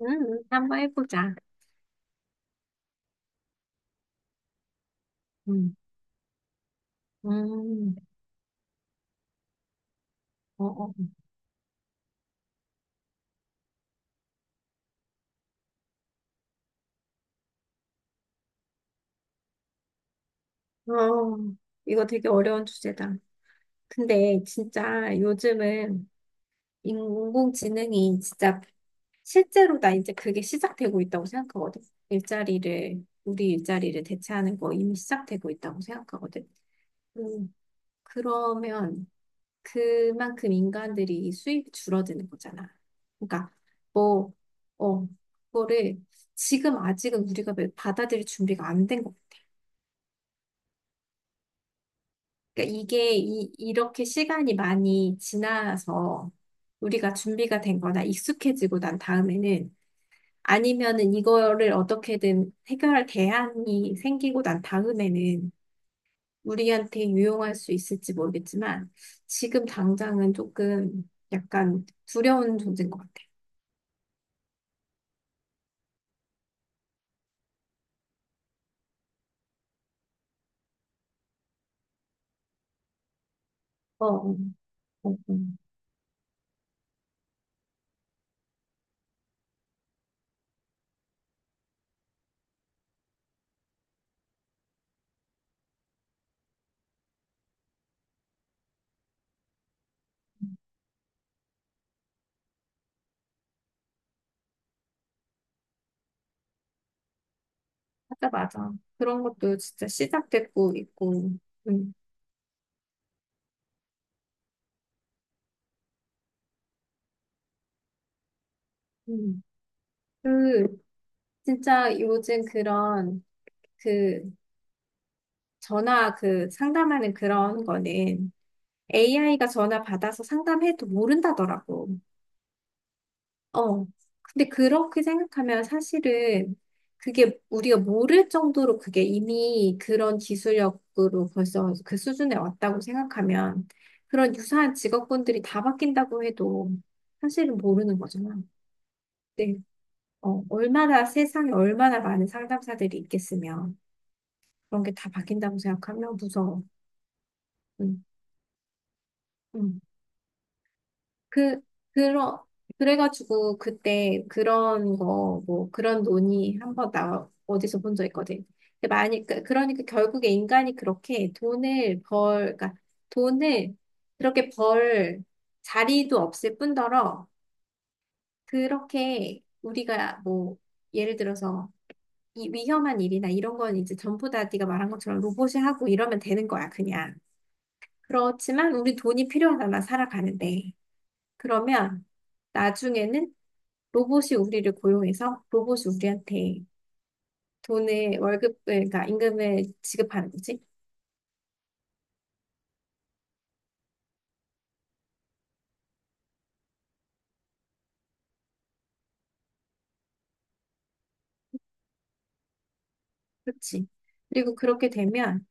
한번 해보자. 음, 음, 어, 어, 어, 어, 이거 되게 어려운 주제다. 근데 진짜 요즘은 인공지능이 진짜 실제로 나 이제 그게 시작되고 있다고 생각하거든. 일자리를, 우리 일자리를 대체하는 거 이미 시작되고 있다고 생각하거든. 음, 그러면 그만큼 인간들이 수입이 줄어드는 거잖아. 그러니까 뭐, 어, 그거를 지금 아직은 우리가 받아들일 준비가 안된것 그러니까 이게 이렇게 시간이 많이 지나서 우리가 준비가 된 거나 익숙해지고 난 다음에는 아니면은 이거를 어떻게든 해결할 대안이 생기고 난 다음에는 우리한테 유용할 수 있을지 모르겠지만 지금 당장은 조금 약간 두려운 존재인 것 같아요. 어, 어, 어, 어. 맞아, 맞아. 그런 것도 진짜 시작됐고 있고, 음, 음. 그, 진짜 요즘 그런 그 전화 그 상담하는 그런 거는 AI가 전화 받아서 상담해도 모른다더라고. 어. 근데 그렇게 생각하면 사실은 그게 우리가 모를 정도로 그게 이미 그런 기술력으로 벌써 그 수준에 왔다고 생각하면 그런 유사한 직업군들이 다 바뀐다고 해도 사실은 모르는 거잖아. 네. 어, 얼마나 세상에 얼마나 많은 상담사들이 있겠으며 그런 게 다 바뀐다고 생각하면 무서워. 응. 응. 그, 그러, 그래가지고 그때 그런 거, 뭐 그런 논의 한 번 나, 어디서 본 적 있거든. 근데 만약에, 그러니까 결국에 인간이 그렇게 돈을 벌, 그러니까 돈을 그렇게 벌 자리도 없을 뿐더러 그렇게 우리가 뭐 예를 들어서 이 위험한 일이나 이런 건 이제 전부 다 네가 말한 것처럼 로봇이 하고 이러면 되는 거야, 그냥. 그렇지만 우리 돈이 필요하잖아, 살아가는데. 그러면 나중에는 로봇이 우리를 고용해서 로봇이 우리한테 돈을 월급을 그러니까 임금을 지급하는 거지. 그렇지. 그리고 그렇게 되면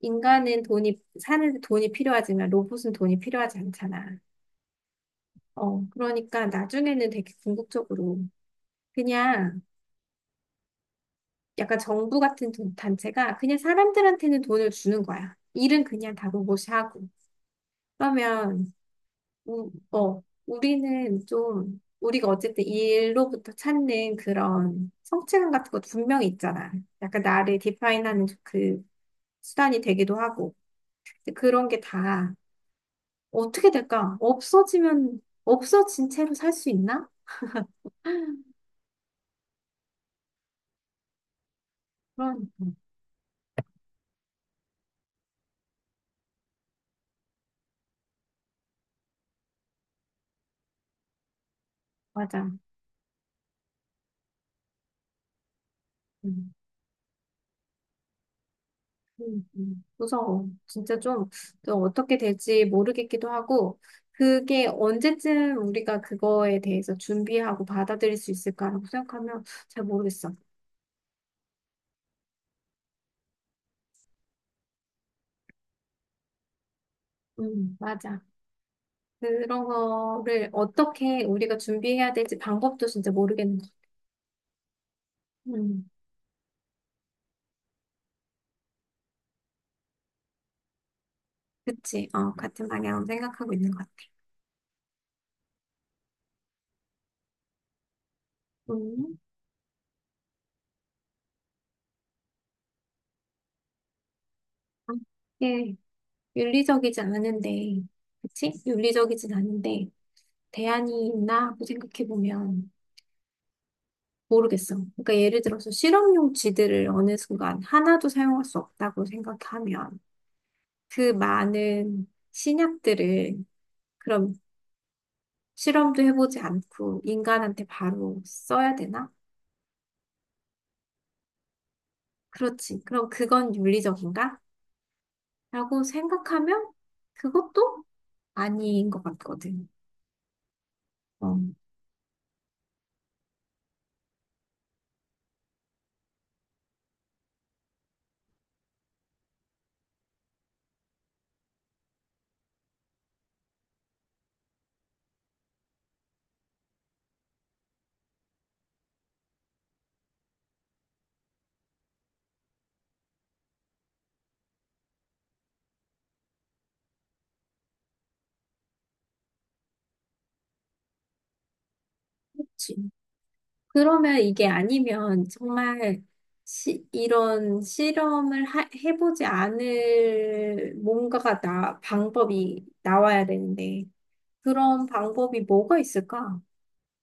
인간은 돈이 사는 데 돈이 필요하지만 로봇은 돈이 필요하지 않잖아. 어, 그러니까 나중에는 되게 궁극적으로 그냥 약간 정부 같은 단체가 그냥 사람들한테는 돈을 주는 거야. 일은 그냥 다 로봇이 하고. 그러면 우리는 좀, 우리가 어쨌든 이 일로부터 찾는 그런 성취감 같은 것도 분명히 있잖아. 약간 나를 디파인하는 그 수단이 되기도 하고. 근데 그런 게 다 어떻게 될까? 없어지면, 없어진 채로 살 수 있나? 그러니까. 맞아. 음, 무서워. 진짜 좀, 또 어떻게 될지 모르겠기도 하고, 그게 언제쯤 우리가 그거에 대해서 준비하고 받아들일 수 있을까라고 생각하면 잘 모르겠어. 맞아. 그런 거를 어떻게 우리가 준비해야 될지 방법도 진짜 모르겠는 거. 음, 그치. 어, 같은 방향으로 생각하고 있는 것 같아. 음, 아, 이게 윤리적이지 않은데, 그치? 윤리적이진 않은데, 대안이 있나 하고 생각해보면 모르겠어. 그러니까 예를 들어서 실험용 지들을 어느 순간 하나도 사용할 수 없다고 생각하면 그 많은 신약들을 그럼 실험도 해보지 않고 인간한테 바로 써야 되나? 그렇지. 그럼 그건 윤리적인가? 라고 생각하면 그것도 아닌 것 같거든. 어, 그렇지. 그러면 이게 아니면 정말 이런 실험을 해보지 않을 뭔가가 나, 방법이 나와야 되는데 그런 방법이 뭐가 있을까?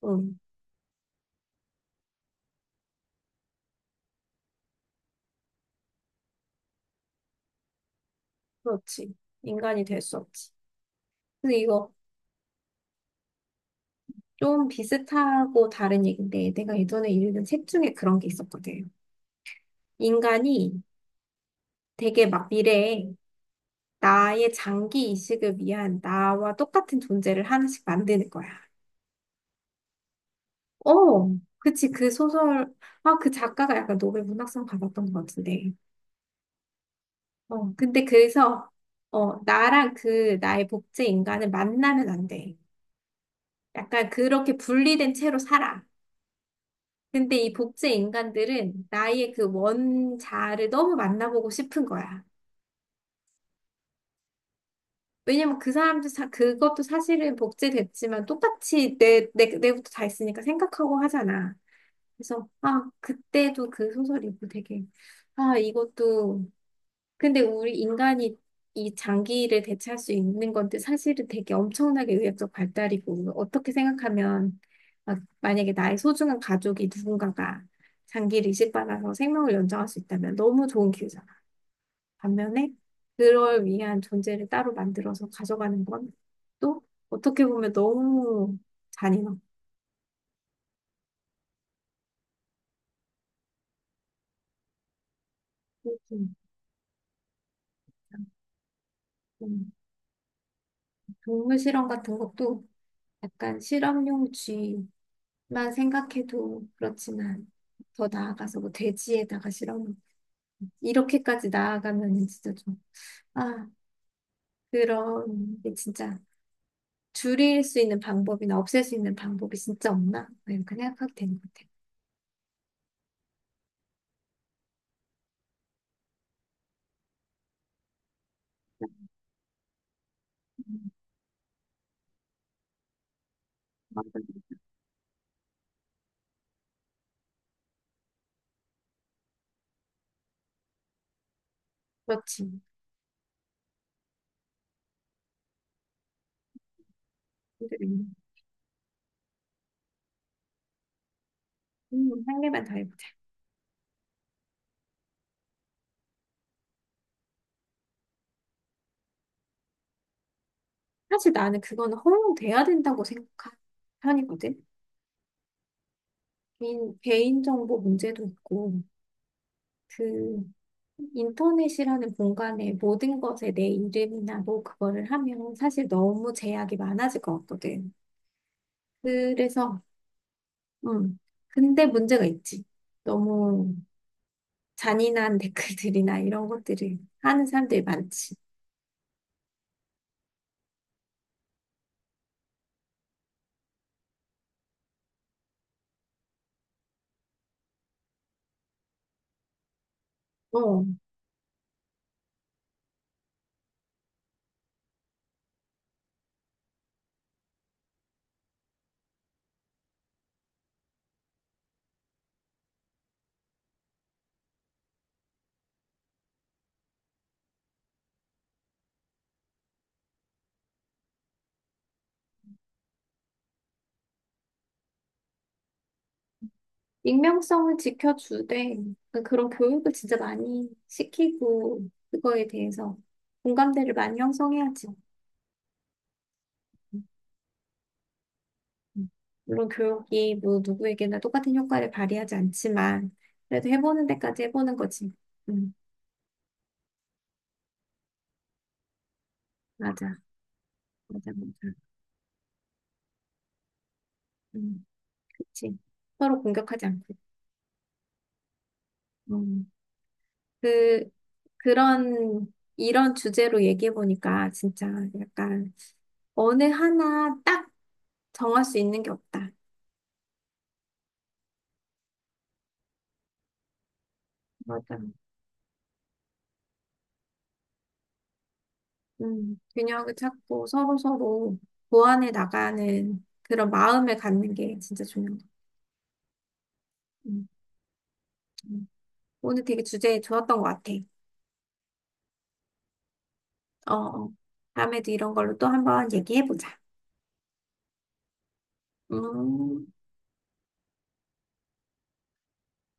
응, 그렇지. 인간이 될 수 없지. 근데 이거 좀 비슷하고 다른 얘기인데 내가 예전에 읽은 책 중에 그런 게 있었거든. 인간이 되게 막 미래에 나의 장기 이식을 위한 나와 똑같은 존재를 하나씩 만드는 거야. 어, 그치. 그 소설, 아, 그 작가가 약간 노벨 문학상 받았던 것 같은데. 어, 근데 그래서, 어, 나랑 그 나의 복제 인간을 만나면 안 돼. 약간 그렇게 분리된 채로 살아. 근데 이 복제 인간들은 나의 그 원자를 너무 만나보고 싶은 거야. 왜냐면 그 사람들, 사, 그것도 사실은 복제됐지만 똑같이 내부터 다 있으니까 생각하고 하잖아. 그래서, 아, 그때도 그 소설 읽고 되게, 아, 이것도 근데 우리 인간이 이 장기를 대체할 수 있는 건데 사실은 되게 엄청나게 의학적 발달이고 어떻게 생각하면 막 만약에 나의 소중한 가족이 누군가가 장기를 이식받아서 생명을 연장할 수 있다면 너무 좋은 기회잖아. 반면에 그럴 위한 존재를 따로 만들어서 가져가는 건 또 어떻게 보면 너무 잔인하고 좀, 음, 동물 실험 같은 것도 약간 실험용 쥐 만 생각해도 그렇지만 더 나아가서 뭐 돼지에다가 실어놓고 이렇게까지 나아가면 진짜 좀 아 그런 게 진짜 줄일 수 있는 방법이나 없앨 수 있는 방법이 진짜 없나 뭐 이렇게 생각하게 되는 것 같아요. 음, 맞아요. 그렇지. 힘들겠네. 한 개만 더 해보자. 사실 나는 그거는 허용돼야 된다고 생각한 편이거든. 개인정보 문제도 있고, 그, 인터넷이라는 공간에 모든 것에 내 이름이나 뭐 그거를 하면 사실 너무 제약이 많아질 것 같거든. 그래서, 음. 근데 문제가 있지. 너무 잔인한 댓글들이나 이런 것들을 하는 사람들이 많지. 어, 익명성을 지켜주되 그런 교육을 진짜 많이 시키고 그거에 대해서 공감대를 많이 형성해야지. 음. 물론 교육이 뭐 누구에게나 똑같은 효과를 발휘하지 않지만 그래도 해보는 데까지 해보는 거지. 음, 맞아, 맞아. 음, 그치. 서로 공격하지 않고. 음, 그 그런 이런 주제로 얘기해 보니까 진짜 약간 어느 하나 딱 정할 수 있는 게 없다. 맞아. 균형을 찾고 서로 서로 보완해 나가는 그런 마음을 갖는 게 진짜 중요한 것 같아. 음, 음. 오늘 되게 주제 좋았던 것 같아. 어, 어. 다음에도 이런 걸로 또 한번 얘기해보자. 음.